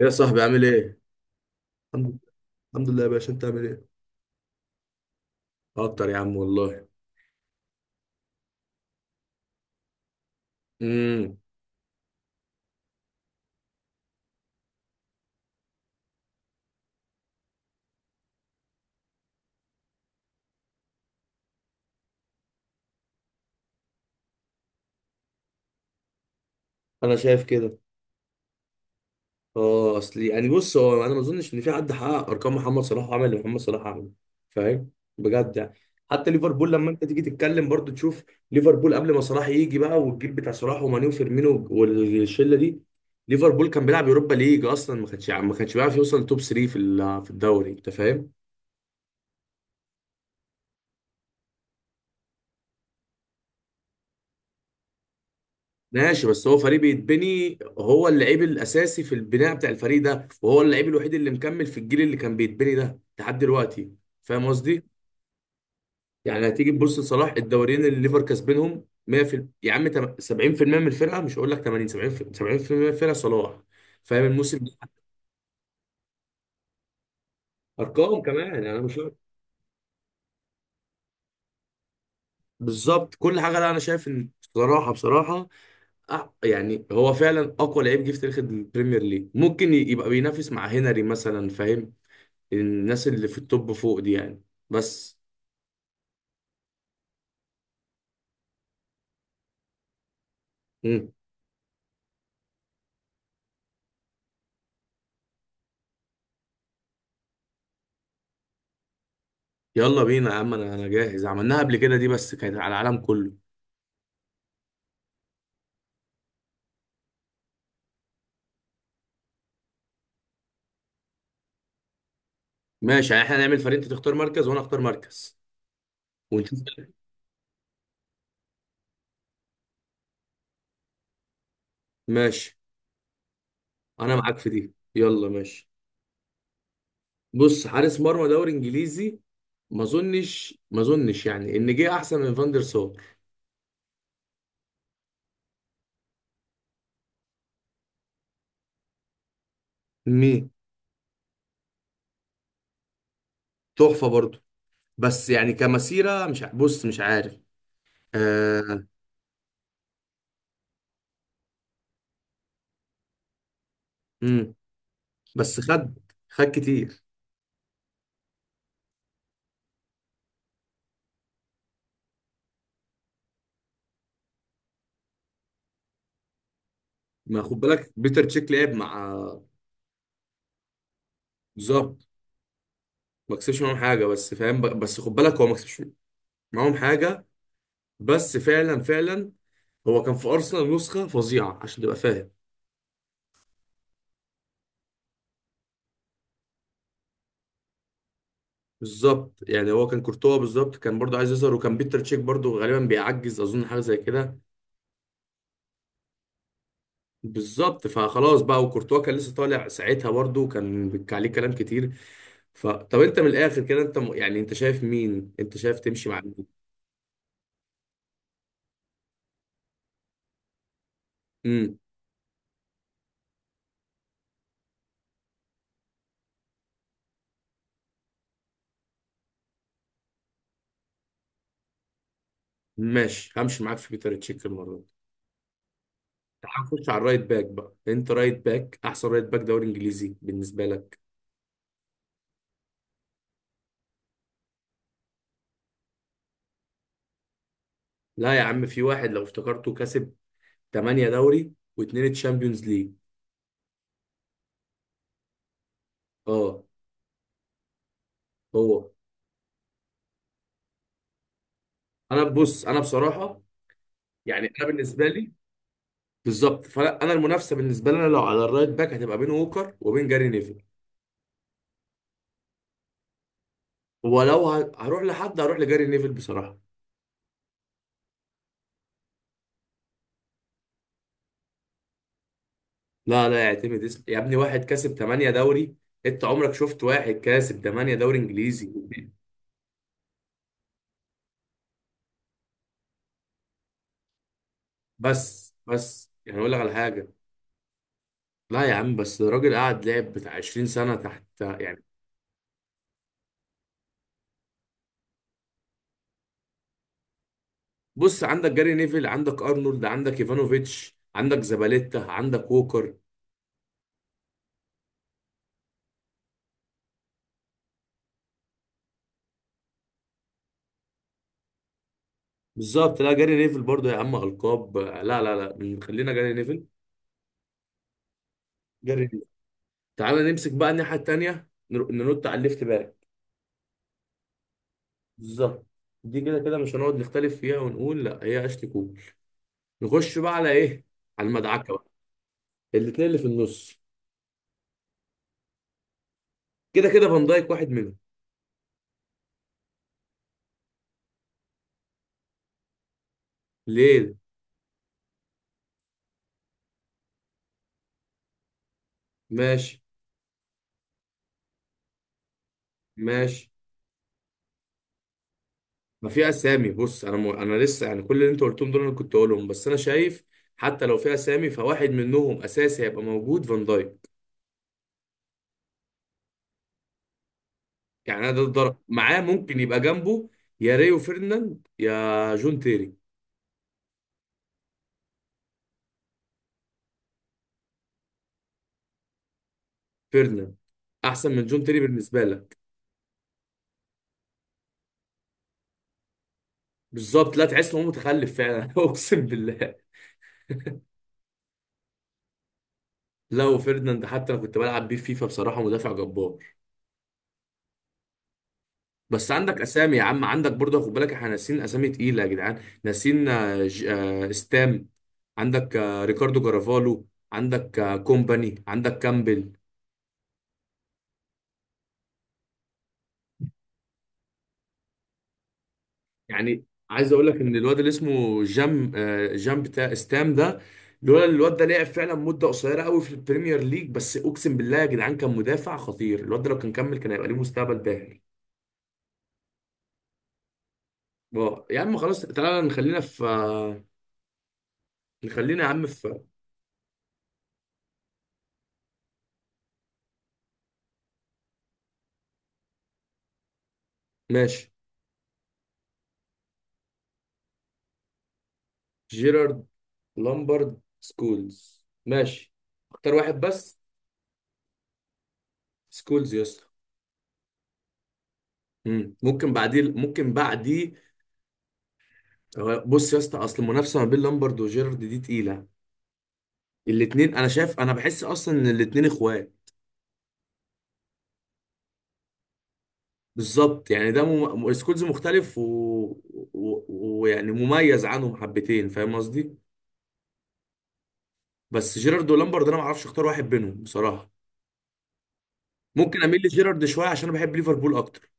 ايه يا صاحبي عامل ايه؟ الحمد الحمد لله يا باشا، انت عامل ايه؟ اكتر يا عم والله. امم انا شايف كده. اه، اصل يعني بص، هو انا ما اظنش ان في حد حقق ارقام محمد صلاح وعمل اللي محمد صلاح عمله. فاهم؟ بجد يعني. حتى ليفربول لما انت تيجي تتكلم برضو تشوف ليفربول قبل ما صلاح يجي بقى، والجيل بتاع صلاح وماني وفيرمينو والشله دي، ليفربول كان بيلعب يوروبا ليج اصلا، ما كانش بيعرف يوصل توب 3 في الدوري. انت فاهم؟ ماشي، بس هو فريق بيتبني، هو اللعيب الاساسي في البناء بتاع الفريق ده، وهو اللعيب الوحيد اللي مكمل في الجيل اللي كان بيتبني ده لحد دلوقتي. فاهم قصدي؟ يعني هتيجي تبص لصلاح، الدوريين اللي ليفر كسبانهم 100 يا عم 70% من الفرقه، مش هقول لك 80 70 70% من الفرقه صلاح. فاهم الموسم ده؟ ارقام كمان يعني. انا مش بالظبط، كل حاجه. لا انا شايف ان بصراحه يعني هو فعلا اقوى لعيب جه في تاريخ البريمير ليج، ممكن يبقى بينافس مع هنري مثلا. فاهم؟ الناس اللي في التوب فوق دي يعني. بس. مم. يلا بينا يا عم، انا جاهز، عملناها قبل كده، دي بس كانت على العالم كله. ماشي، يعني احنا هنعمل فريق، انت تختار مركز وانا اختار مركز ونشوف. ماشي، انا معاك في دي، يلا ماشي. بص، حارس مرمى دوري انجليزي، ما اظنش يعني ان جه احسن من فاندر سار. مين؟ تحفه برضه، بس يعني كمسيره مش بص مش عارف. آه. امم بس خد، خد كتير. ما خد بالك، بيتر تشيك لعب مع زار. ما كسبش معاهم حاجه بس فاهم بس خد بالك هو ما كسبش معاهم حاجه. بس فعلا فعلا هو كان في ارسنال نسخه فظيعه، عشان تبقى فاهم. بالظبط، يعني هو كان كورتوا بالظبط كان برضه عايز يظهر، وكان بيتر تشيك برضه غالبا بيعجز اظن، حاجه زي كده. بالظبط، فخلاص بقى، وكورتوا كان لسه طالع ساعتها برضه، وكان عليه كلام كتير. ف طب انت من الاخر كده، انت يعني انت شايف مين؟ انت شايف تمشي مع مين؟ امم ماشي، همشي معاك في بيتر تشيك المره دي. هنخش على الرايت باك بقى، انت رايت باك احسن رايت باك دوري انجليزي بالنسبه لك؟ لا يا عم، في واحد لو افتكرته كسب 8 دوري واثنين تشامبيونز ليج. اه، هو. انا بص، انا بصراحه يعني انا بالنسبه لي، بالظبط، فانا أنا المنافسه بالنسبه لنا لو على الرايت باك هتبقى بين ووكر وبين جاري نيفل، ولو هروح لحد هروح لجاري نيفل بصراحه. لا لا، يعتمد اسم يا ابني، واحد كسب 8 دوري، انت عمرك شفت واحد كاسب 8 دوري انجليزي؟ بس يعني اقول لك على حاجه، لا يا عم، بس الراجل قعد لعب بتاع 20 سنة تحت يعني. بص، عندك جاري نيفل، عندك ارنولد، عندك ايفانوفيتش، عندك زباليتا، عندك ووكر. بالظبط، لا جاري نيفل برضو يا عم، ألقاب، لا لا لا، خلينا جاري نيفل. جاري نيفل. تعال نمسك بقى الناحية التانية، ننط على الليفت باك. بالظبط، دي كده كده مش هنقعد نختلف فيها ونقول، لا هي اشلي كول. نخش بقى على ايه؟ على المدعكة بقى، الاتنين اللي في النص. كده كده فان دايك واحد منهم. ليه؟ ماشي، ماشي. ما في اسامي، بص انا انا لسه يعني كل اللي انت قلتهم دول انا كنت اقولهم، بس انا شايف حتى لو في اسامي فواحد منهم اساسي هيبقى موجود فان دايك. يعني انا ده الضرب معاه، ممكن يبقى جنبه يا ريو فيرناند يا جون تيري. فيرناند احسن من جون تيري بالنسبه لك؟ بالظبط، لا تحس ان هو متخلف فعلا اقسم بالله. لا وفيرناند حتى انا كنت بلعب بيه فيفا بصراحه مدافع جبار. بس عندك اسامي يا عم، عندك برضه، خد بالك احنا ناسيين اسامي تقيله يا جدعان، ناسيين ستام، عندك ريكاردو كارافالو، عندك كومباني، عندك كامبل. يعني عايز اقول لك ان الواد اللي اسمه جام بتاع ستام ده، لولا إن الواد ده لعب فعلا مده قصيره قوي في البريمير ليج، بس اقسم بالله يا جدعان كان مدافع خطير، الواد ده لو كان كمل كان هيبقى ليه مستقبل باهر. يا عم خلاص، تعالى نخلينا في نخلينا يا عم في ماشي. جيرارد لامبرد سكولز، ماشي، اختار واحد بس. سكولز يا اسطى. ممكن بعديه. بص يا اسطى، اصل المنافسه ما بين لامبرد وجيرارد دي تقيله، الاثنين انا شايف، انا بحس اصلا ان الاثنين اخوات. بالظبط يعني ده سكولز مختلف ويعني ويعني مميز عنهم حبتين، فاهم قصدي؟ بس جيرارد ولامبرد انا ما اعرفش اختار واحد بينهم بصراحه. ممكن اميل لجيرارد شويه عشان انا بحب ليفربول اكتر.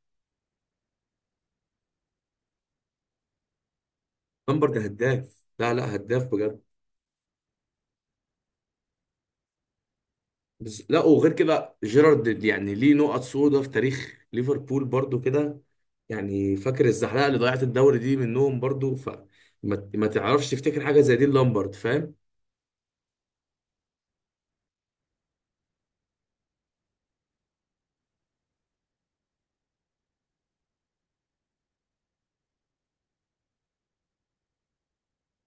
لامبرد هداف، لا لا، هداف بجد. بس لا وغير كده جيرارد يعني ليه نقط سودا في تاريخ ليفربول برضو كده، يعني فاكر الزحلقه اللي ضيعت الدوري دي منهم برضو، ف ما تعرفش تفتكر حاجه زي دي لامبرد، فاهم.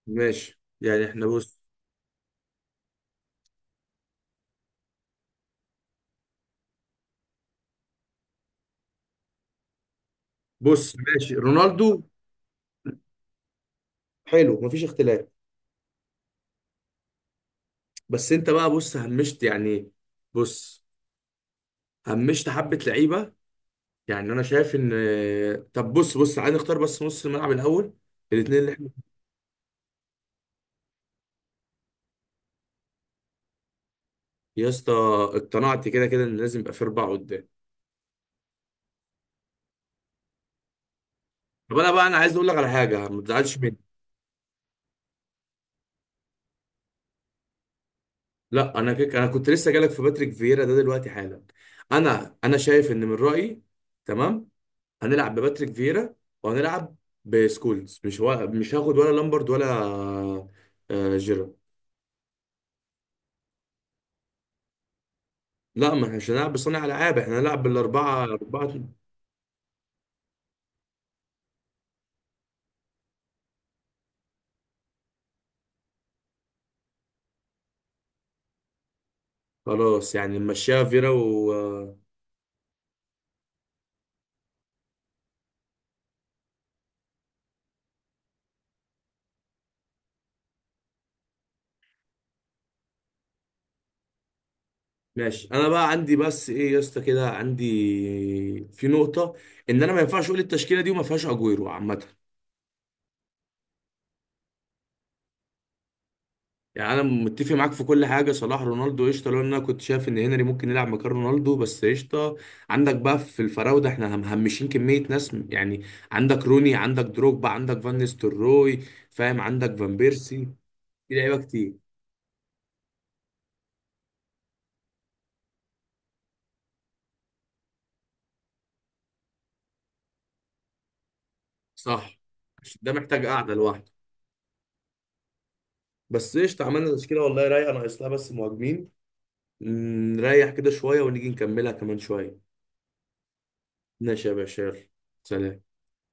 ماشي يعني احنا بص. ماشي رونالدو، حلو، مفيش اختلاف. بس انت بقى بص، همشت حبه لعيبه. يعني انا شايف ان، طب بص عايز نختار بس نص الملعب الاول، الاثنين اللي احنا. يا اسطى اقتنعت كده كده ان لازم يبقى في اربعه قدام. طب انا بقى انا عايز اقول لك على حاجه، ما تزعلش مني. لا انا كده انا كنت لسه جالك في باتريك فييرا ده دلوقتي حالا. انا شايف ان من رايي، تمام، هنلعب بباتريك فييرا وهنلعب بسكولز. مش هاخد ولا لامبرد ولا جيرارد. لا ما احنا مش هنلعب بصانع العاب، احنا هنلعب بالاربعه اربعه. خلاص يعني نمشيها فييرا و آه، ماشي. انا بقى عندي بس ايه يا اسطى كده، عندي في نقطه، ان انا ما ينفعش اقول التشكيله دي وما فيهاش اجويرو عامه. يعني انا متفق معاك في كل حاجه، صلاح رونالدو قشطه، لو إن انا كنت شايف ان هنري ممكن يلعب مكان رونالدو، بس قشطه. عندك بقى في الفراوده احنا مهمشين كميه ناس يعني عندك روني، عندك دروجبا، عندك فان نيستلروي، فاهم، عندك فان بيرسي، في لعيبه كتير. صح، عشان ده محتاج قعده لوحده. بس قشطه، عملنا تشكيله والله رايقه، ناقص لها بس مهاجمين. نريح كده شويه ونيجي نكملها كمان شويه. ماشي يا باشا، يلا، سلام.